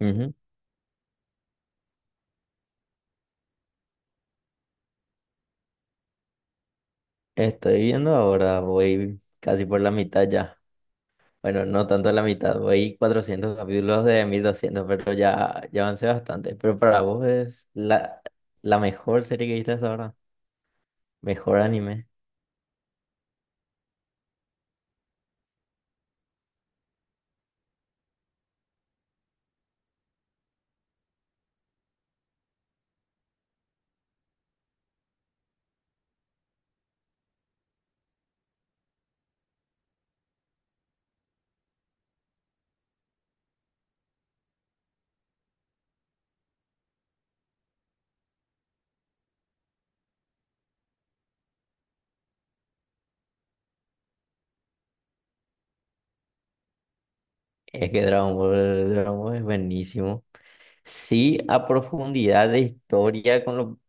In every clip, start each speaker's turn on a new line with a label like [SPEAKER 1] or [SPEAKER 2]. [SPEAKER 1] Ujú. Estoy viendo ahora, voy casi por la mitad ya. Bueno, no tanto la mitad, voy 400 capítulos de 1.200 pero ya avancé bastante. Pero para vos es la mejor serie que viste hasta ahora, mejor anime. Es que Dragon Ball, Dragon Ball es buenísimo. Sí, a profundidad de historia con lo,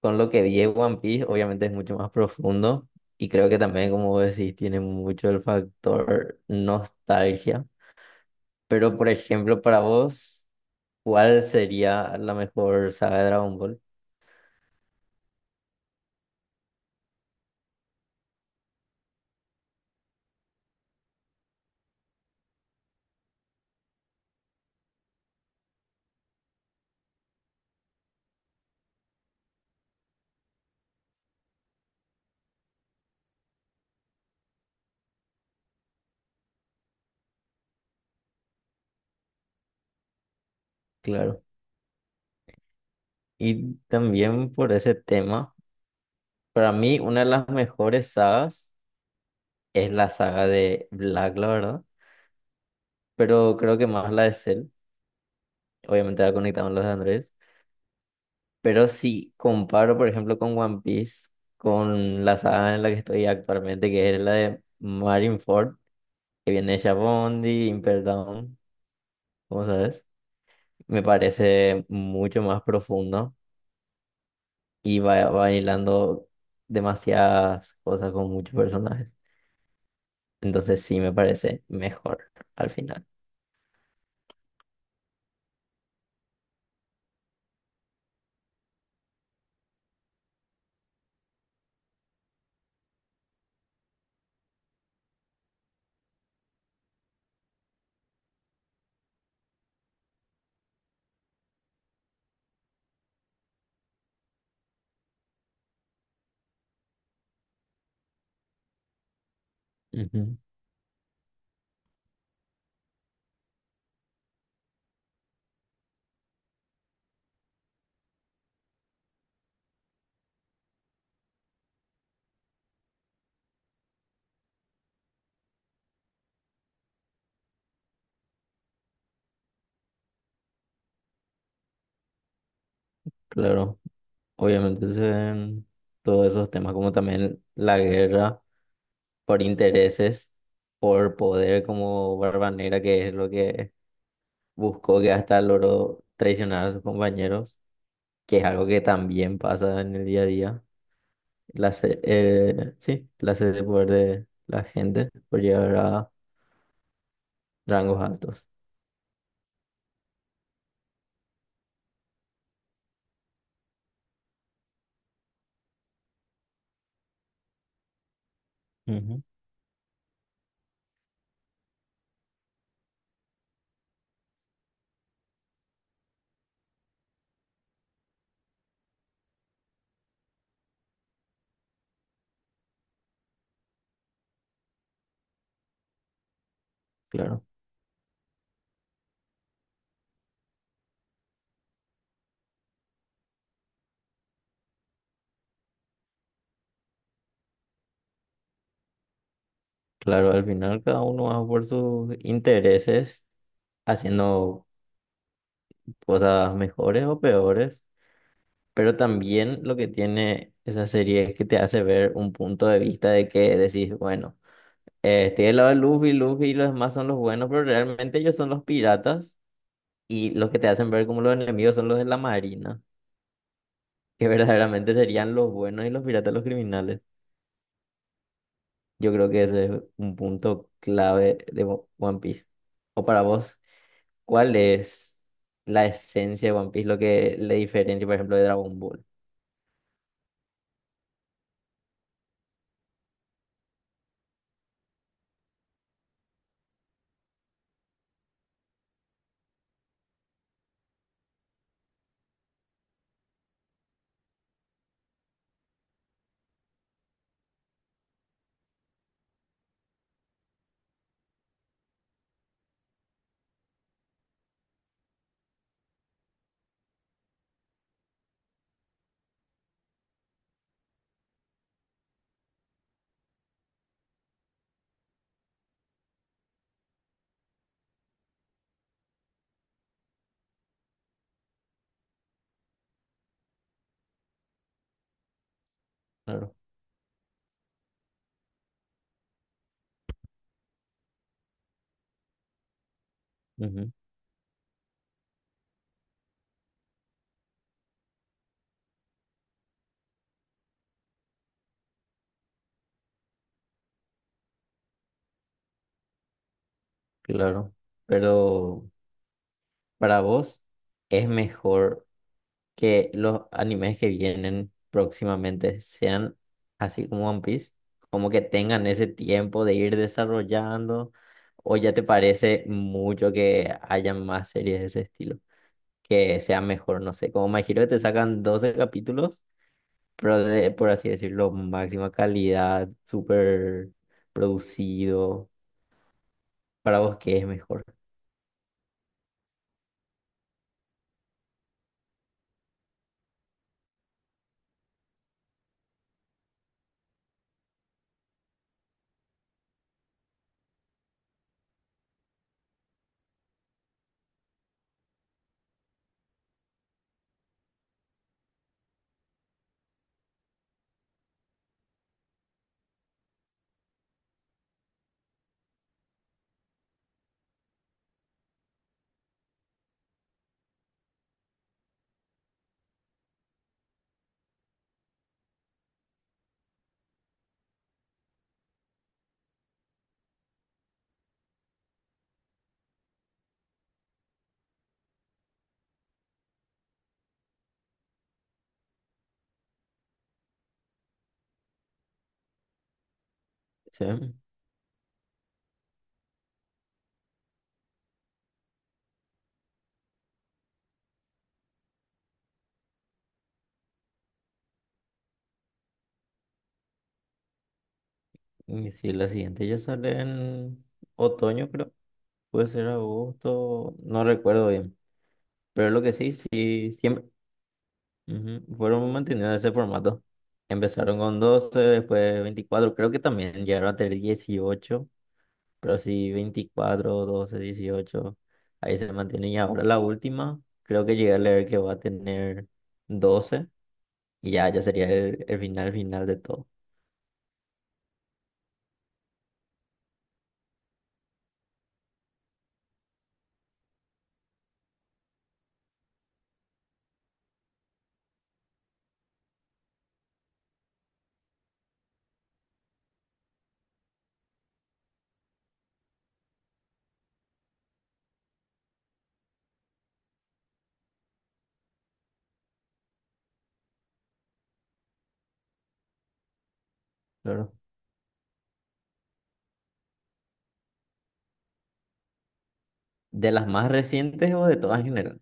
[SPEAKER 1] con lo que vi en One Piece, obviamente es mucho más profundo. Y creo que también, como vos decís, tiene mucho el factor nostalgia. Pero, por ejemplo, para vos, ¿cuál sería la mejor saga de Dragon Ball? Claro. Y también por ese tema, para mí una de las mejores sagas es la saga de Black, la verdad, pero creo que más la de Cell, obviamente la conectamos con los de Andrés, pero si comparo, por ejemplo, con One Piece, con la saga en la que estoy actualmente, que es la de Marineford, que viene de Shabondi, Impel Down, ¿cómo sabes? Me parece mucho más profundo y va bailando demasiadas cosas con muchos personajes. Entonces sí me parece mejor al final. Ujú. Claro, obviamente se ven todos esos temas como también la guerra por intereses, por poder como Barba Negra, que es lo que buscó que hasta logró traicionar a sus compañeros, que es algo que también pasa en el día a día. Sí, la sed de poder de la gente por llegar a rangos altos. Claro, claro, al final cada uno va por sus intereses haciendo cosas mejores o peores, pero también lo que tiene esa serie es que te hace ver un punto de vista de que decís, bueno, estoy del lado de Luffy, Luffy y los demás son los buenos, pero realmente ellos son los piratas y los que te hacen ver como los enemigos son los de la marina, que verdaderamente serían los buenos y los piratas los criminales. Yo creo que ese es un punto clave de One Piece. ¿O para vos? ¿Cuál es la esencia de One Piece? Lo que le diferencia, por ejemplo, de Dragon Ball. Claro, ujú, claro. Pero para vos, ¿es mejor que los animes que vienen próximamente sean así como One Piece? Como que tengan ese tiempo de ir desarrollando, o ya te parece mucho que haya más series de ese estilo, que sea mejor, no sé, como Me Hero que te sacan 12 capítulos pero por así decirlo, máxima calidad, súper producido. ¿Para vos qué es mejor? Sí. Y si la siguiente ya sale en otoño, creo. Puede ser agosto, no recuerdo bien. Pero lo que sí, sí, siempre, ujú, fueron manteniendo ese formato. Empezaron con 12, después 24, creo que también llegaron a tener 18. Pero sí, 24, 12, 18, ahí se mantiene. Y ahora la última, creo que llegué a leer que va a tener 12 y ya sería el final final de todo. Claro. ¿De las más recientes o de todas en general?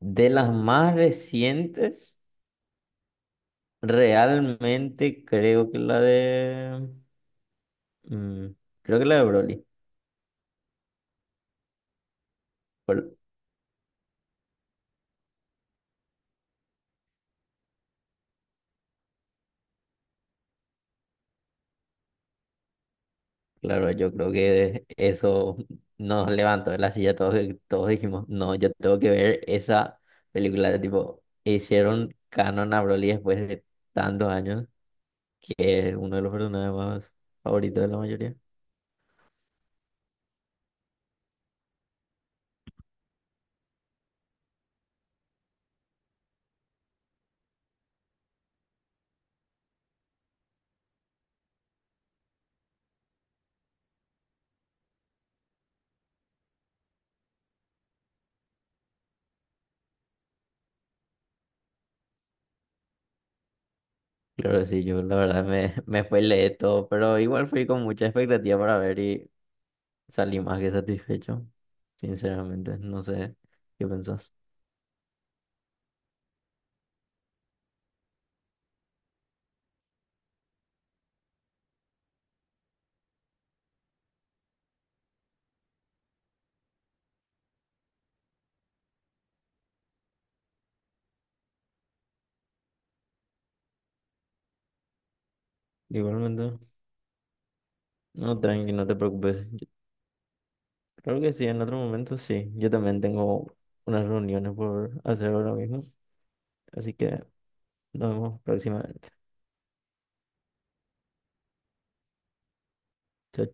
[SPEAKER 1] De las más recientes, realmente mm, creo que la de Broly. Claro, yo creo que eso nos levantó de la silla. Todos dijimos, no, yo tengo que ver esa película. Tipo, hicieron canon a Broly después de tantos años, que es uno de los personajes más favoritos de la mayoría. Claro, sí, yo la verdad me, me fue leer todo, pero igual fui con mucha expectativa para ver y salí más que satisfecho. Sinceramente, no sé qué pensás. Igualmente, no, tranqui, no te preocupes. Creo que sí, en otro momento sí. Yo también tengo unas reuniones por hacer ahora mismo, así que nos vemos próximamente. Chao,